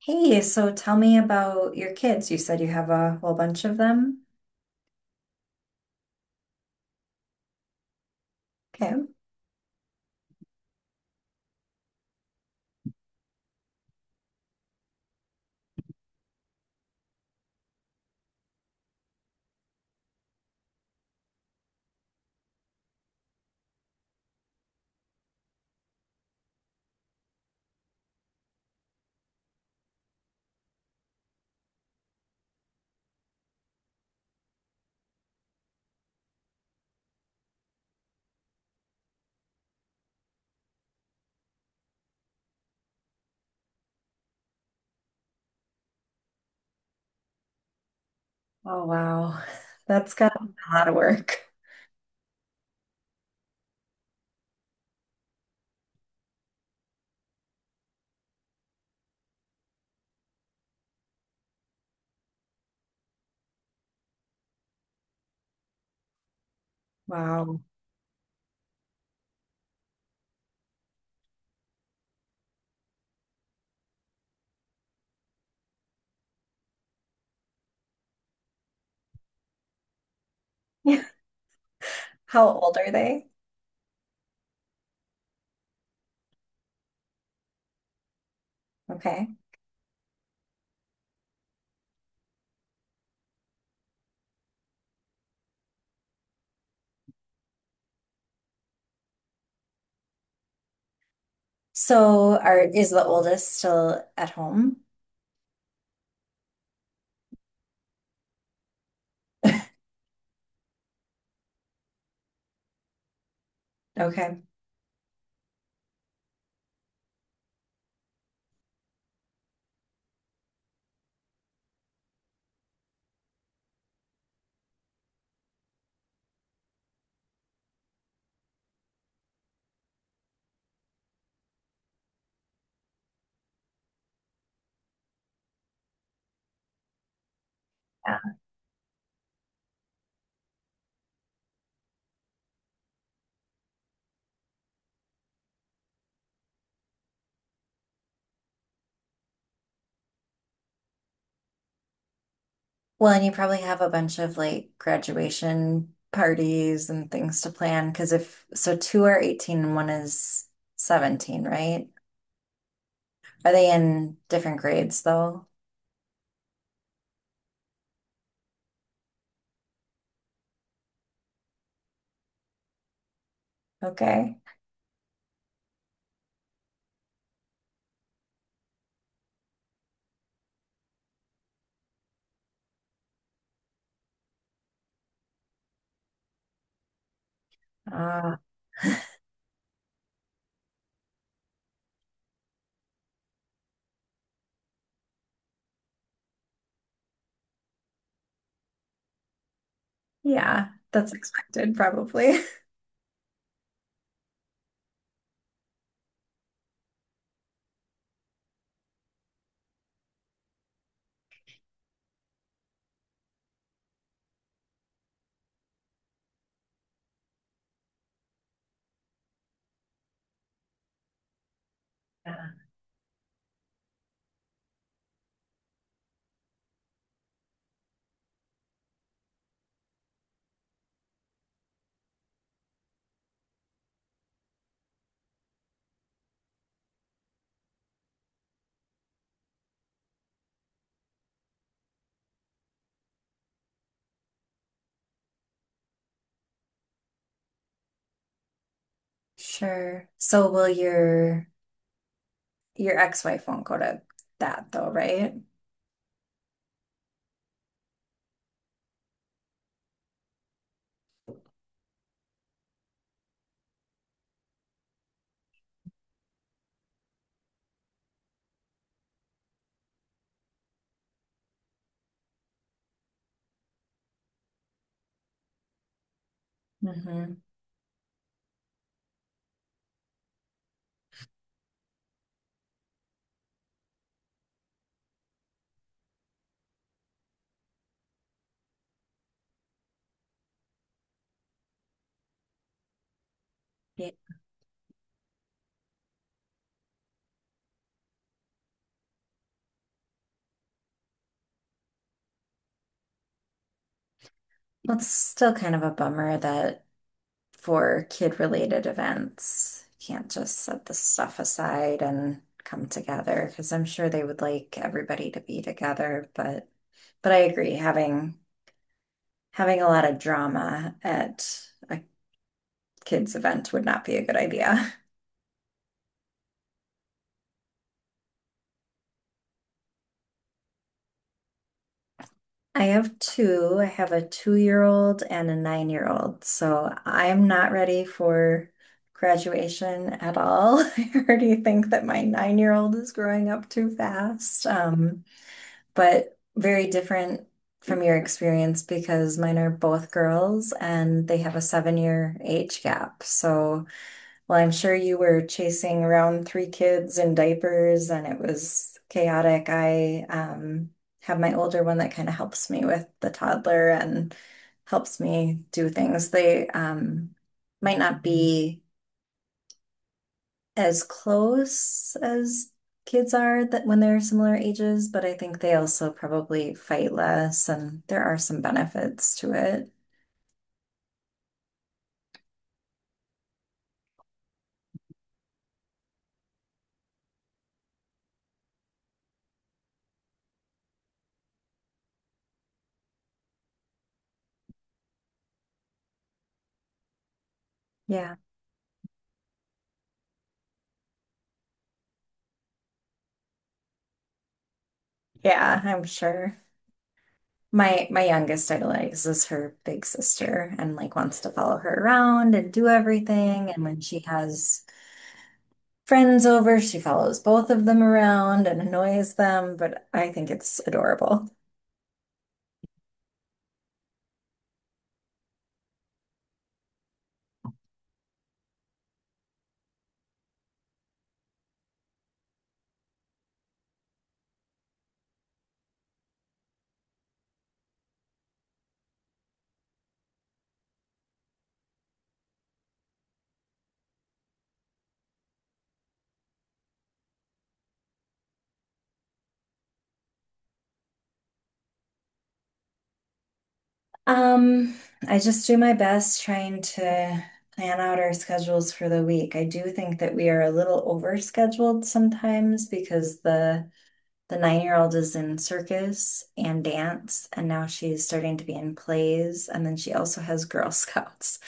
Hey, so tell me about your kids. You said you have a whole bunch of them. Okay. Oh, wow. That's got a lot of work. Wow. How old are they? Okay. So are is the oldest still at home? Okay. Yeah. Well, and you probably have a bunch of like graduation parties and things to plan because if so two are 18 and one is 17, right? Are they in different grades though? Okay. Yeah, that's expected probably. Yeah. Sure. So will your ex-wife won't go to that though, right? Mm-hmm. Yeah. Well, it's still kind of a bummer that for kid-related events, you can't just set this stuff aside and come together because I'm sure they would like everybody to be together, but I agree having a lot of drama at a kid's event would not be a good idea. I have two. I have a 2-year-old and a 9-year-old. So I'm not ready for graduation at all. I already think that my 9-year-old is growing up too fast. But very different from your experience because mine are both girls and they have a 7-year age gap. So well, I'm sure you were chasing around three kids in diapers and it was chaotic. I have my older one that kind of helps me with the toddler and helps me do things. They might not be as close as kids are that when they're similar ages, but I think they also probably fight less and there are some benefits to it. Yeah. Yeah, I'm sure. My youngest idolizes her big sister and like wants to follow her around and do everything. And when she has friends over, she follows both of them around and annoys them, but I think it's adorable. Um, I just do my best trying to plan out our schedules for the week. I do think that we are a little overscheduled sometimes because the 9-year-old is in circus and dance, and now she's starting to be in plays. And then she also has Girl Scouts.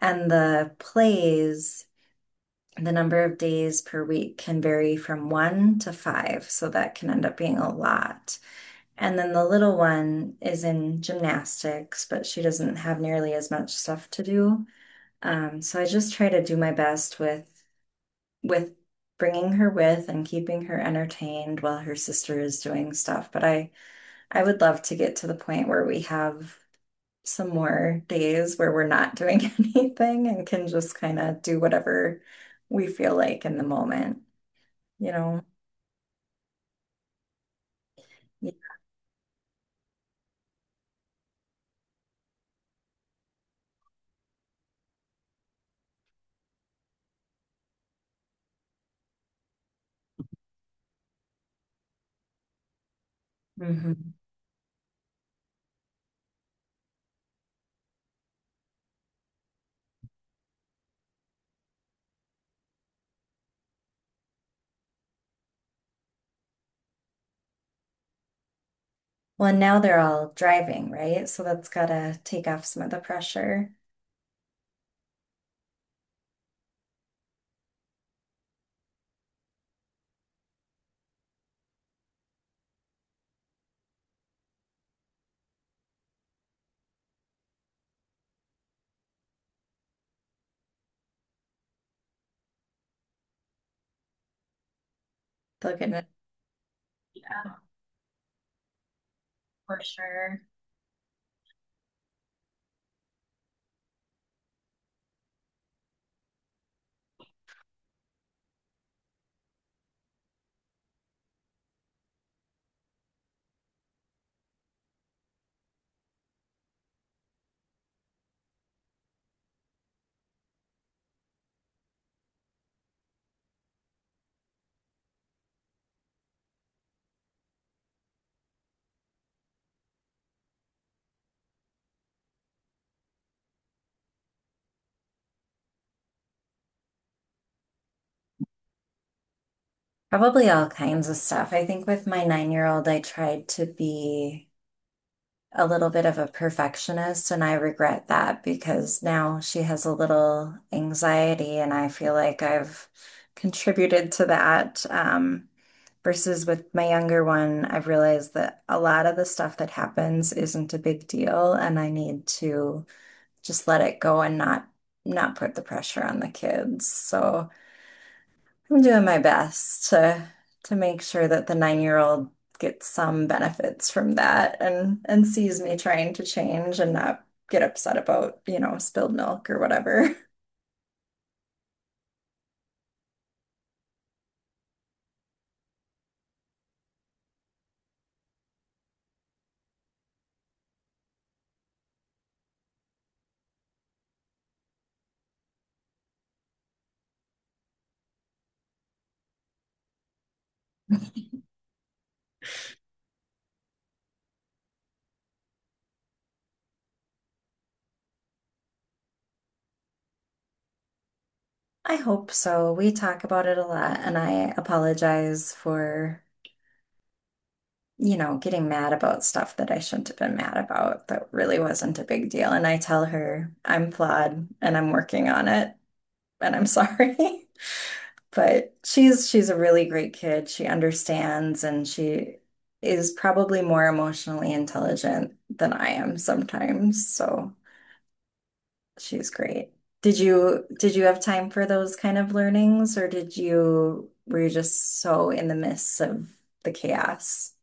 And the plays, the number of days per week can vary from 1 to 5. So that can end up being a lot. And then the little one is in gymnastics, but she doesn't have nearly as much stuff to do. So I just try to do my best with bringing her with and keeping her entertained while her sister is doing stuff. But I would love to get to the point where we have some more days where we're not doing anything and can just kind of do whatever we feel like in the moment, you know? Yeah. Hmm. Well, and now they're all driving, right? So that's gotta take off some of the pressure. They'll get it out for sure. Probably all kinds of stuff. I think with my 9-year-old, I tried to be a little bit of a perfectionist, and I regret that because now she has a little anxiety, and I feel like I've contributed to that. Versus with my younger one, I've realized that a lot of the stuff that happens isn't a big deal, and I need to just let it go and not put the pressure on the kids. So I'm doing my best to make sure that the 9-year-old gets some benefits from that and sees me trying to change and not get upset about spilled milk or whatever. I hope so. We talk about it a lot, and I apologize for getting mad about stuff that I shouldn't have been mad about that really wasn't a big deal. And I tell her I'm flawed and I'm working on it, and I'm sorry. But she's a really great kid. She understands and she is probably more emotionally intelligent than I am sometimes. So she's great. Did you have time for those kind of learnings or did you were you just so in the midst of the chaos?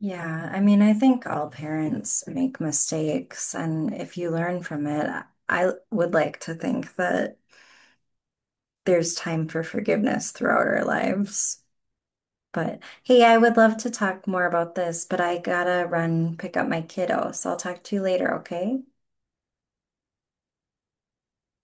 Yeah, I mean, I think all parents make mistakes, and if you learn from it, I would like to think that there's time for forgiveness throughout our lives. But hey, I would love to talk more about this, but I gotta run pick up my kiddo. So I'll talk to you later, okay?